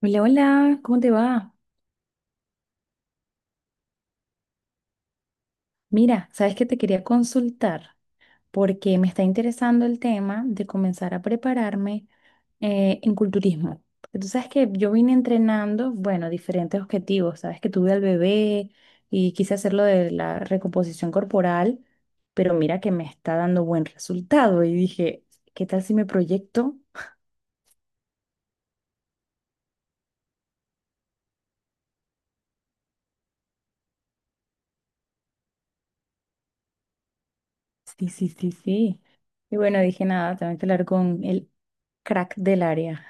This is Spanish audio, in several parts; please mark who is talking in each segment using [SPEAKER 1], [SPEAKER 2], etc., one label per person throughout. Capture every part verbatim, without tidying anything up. [SPEAKER 1] Hola, hola, ¿cómo te va? Mira, sabes que te quería consultar porque me está interesando el tema de comenzar a prepararme eh, en culturismo. Porque tú sabes que yo vine entrenando, bueno, diferentes objetivos. Sabes que tuve al bebé y quise hacerlo de la recomposición corporal, pero mira que me está dando buen resultado. Y dije, ¿qué tal si me proyecto? Sí, sí, sí, sí. Y bueno, dije nada, tengo que hablar con el crack del área.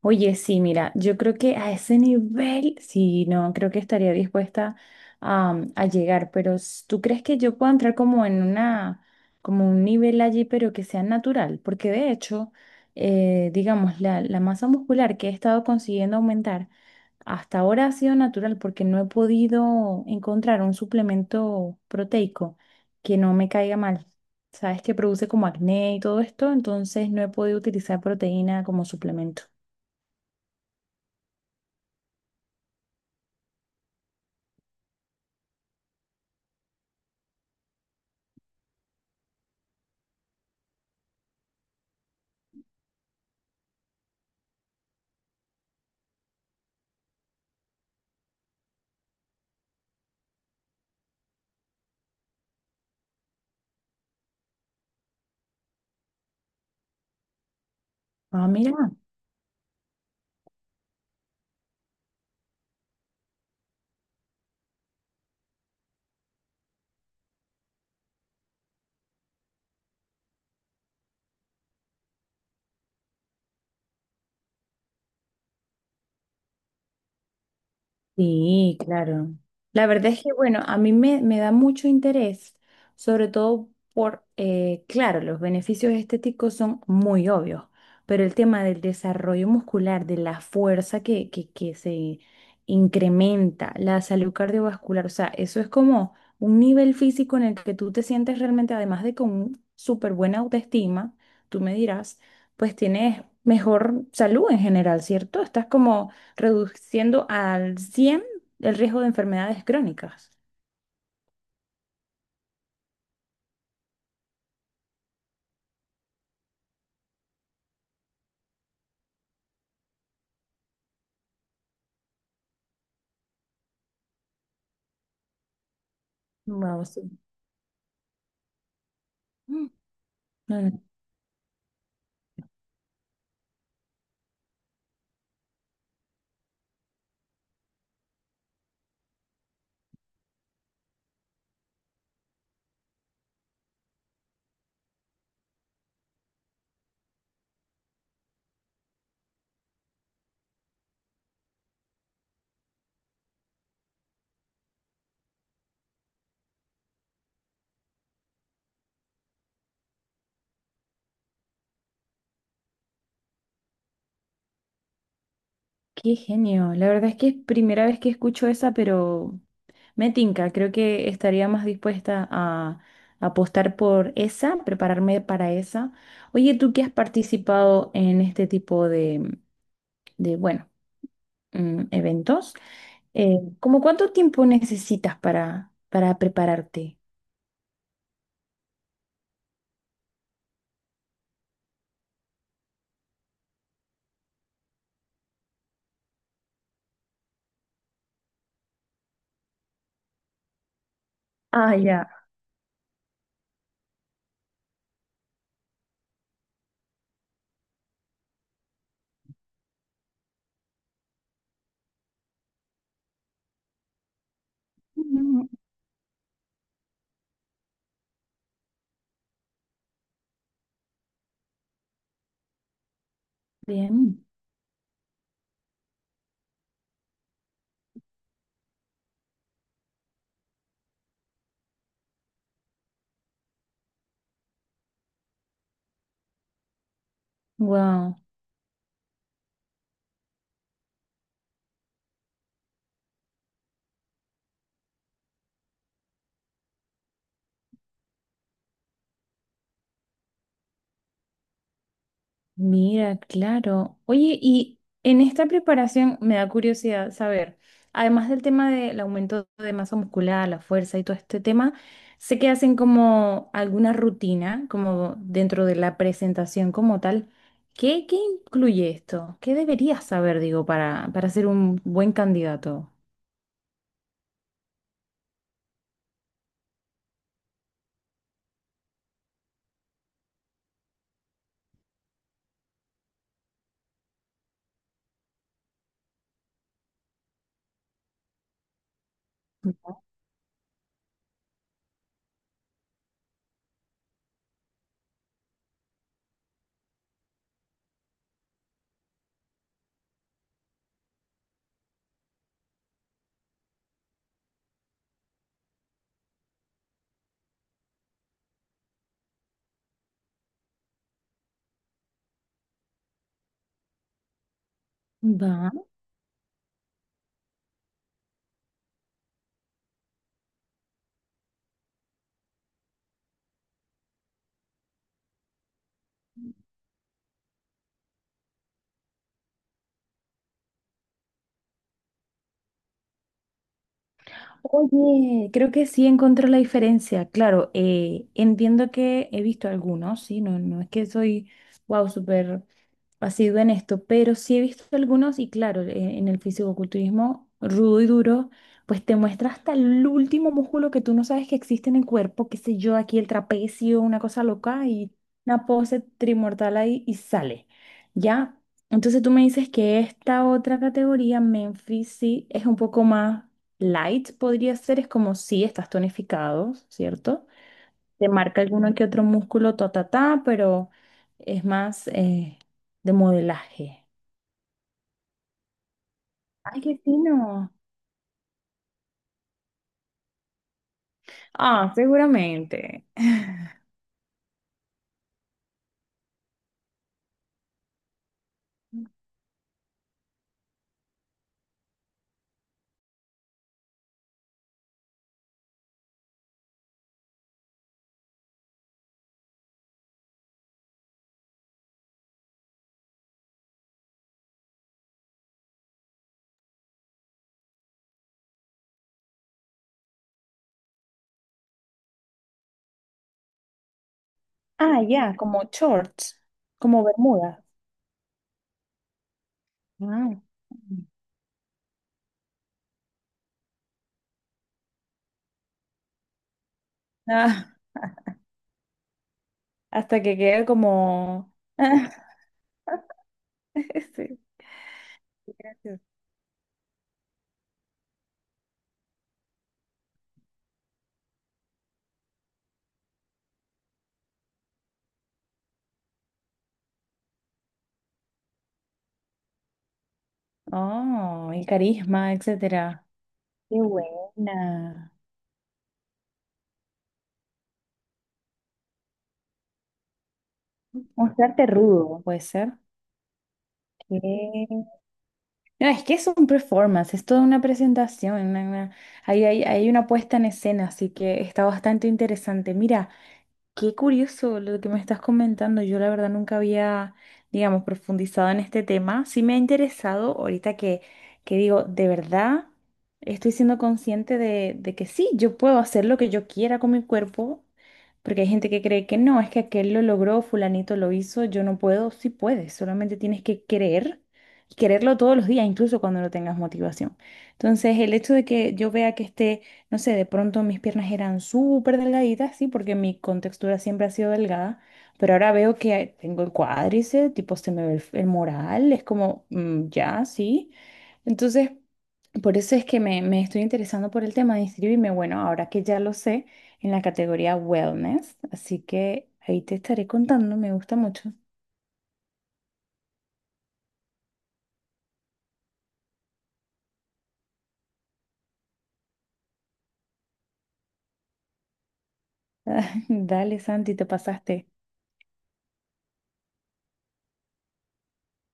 [SPEAKER 1] Oye, sí, mira, yo creo que a ese nivel, sí, no, creo que estaría dispuesta a, a llegar, pero s- ¿tú crees que yo puedo entrar como en una, como un nivel allí, pero que sea natural? Porque de hecho, eh, digamos, la, la masa muscular que he estado consiguiendo aumentar hasta ahora ha sido natural porque no he podido encontrar un suplemento proteico que no me caiga mal. Sabes que produce como acné y todo esto, entonces no he podido utilizar proteína como suplemento. Ah, mira. Sí, claro. La verdad es que, bueno, a mí me, me da mucho interés, sobre todo por, eh, claro, los beneficios estéticos son muy obvios, pero el tema del desarrollo muscular, de la fuerza que, que, que se incrementa, la salud cardiovascular, o sea, eso es como un nivel físico en el que tú te sientes realmente, además de con súper buena autoestima, tú me dirás, pues tienes mejor salud en general, ¿cierto? Estás como reduciendo al cien el riesgo de enfermedades crónicas. Wow, sí. Mm. No, no, qué genio. La verdad es que es primera vez que escucho esa, pero me tinca. Creo que estaría más dispuesta a apostar por esa, prepararme para esa. Oye, tú que has participado en este tipo de, de, bueno, mm, eventos, eh, ¿cómo cuánto tiempo necesitas para, para prepararte? Ah, ya. Mm. Bien. Wow. Mira, claro. Oye, y en esta preparación me da curiosidad saber, además del tema del aumento de masa muscular, la fuerza y todo este tema, sé que hacen como alguna rutina, como dentro de la presentación como tal. ¿Qué, qué incluye esto? ¿Qué deberías saber, digo, para, para ser un buen candidato? Va. Oye, creo que sí encontré la diferencia. Claro, eh, entiendo que he visto algunos, sí, no, no es que soy, wow, súper sido en esto, pero sí he visto algunos y claro, e- en el fisicoculturismo rudo y duro, pues te muestra hasta el último músculo que tú no sabes que existe en el cuerpo, qué sé yo, aquí el trapecio, una cosa loca y una pose trimortal ahí y sale, ¿ya? Entonces tú me dices que esta otra categoría, Memphis, sí, es un poco más light, podría ser, es como si estás tonificado, ¿cierto? Te marca alguno que otro músculo, ta, ta, ta, pero es más eh, de modelaje. Ay, qué fino. Ah, seguramente. Ah, ya, como shorts, como bermudas. Ah. Ah, hasta que quede como... Sí, gracias. Oh, y carisma, etcétera. Qué buena. Mostrarte rudo, puede ser. ¿Qué? No, es que es un performance, es toda una presentación, una- una- hay, hay, hay una puesta en escena, así que está bastante interesante. Mira, qué curioso lo que me estás comentando. Yo la verdad nunca había, digamos, profundizado en este tema. Sí me ha interesado ahorita que, que digo, de verdad estoy siendo consciente de, de que sí, yo puedo hacer lo que yo quiera con mi cuerpo, porque hay gente que cree que no, es que aquel lo logró, fulanito lo hizo, yo no puedo. Sí puedes, solamente tienes que querer y quererlo todos los días, incluso cuando no tengas motivación. Entonces, el hecho de que yo vea que esté no sé, de pronto mis piernas eran súper delgaditas, sí, porque mi contextura siempre ha sido delgada, pero ahora veo que tengo el cuádriceps, tipo se me ve el, el moral, es como, mm, ya, sí. Entonces, por eso es que me, me estoy interesando por el tema de inscribirme, bueno, ahora que ya lo sé, en la categoría wellness, así que ahí te estaré contando, me gusta mucho. Dale, Santi, te pasaste.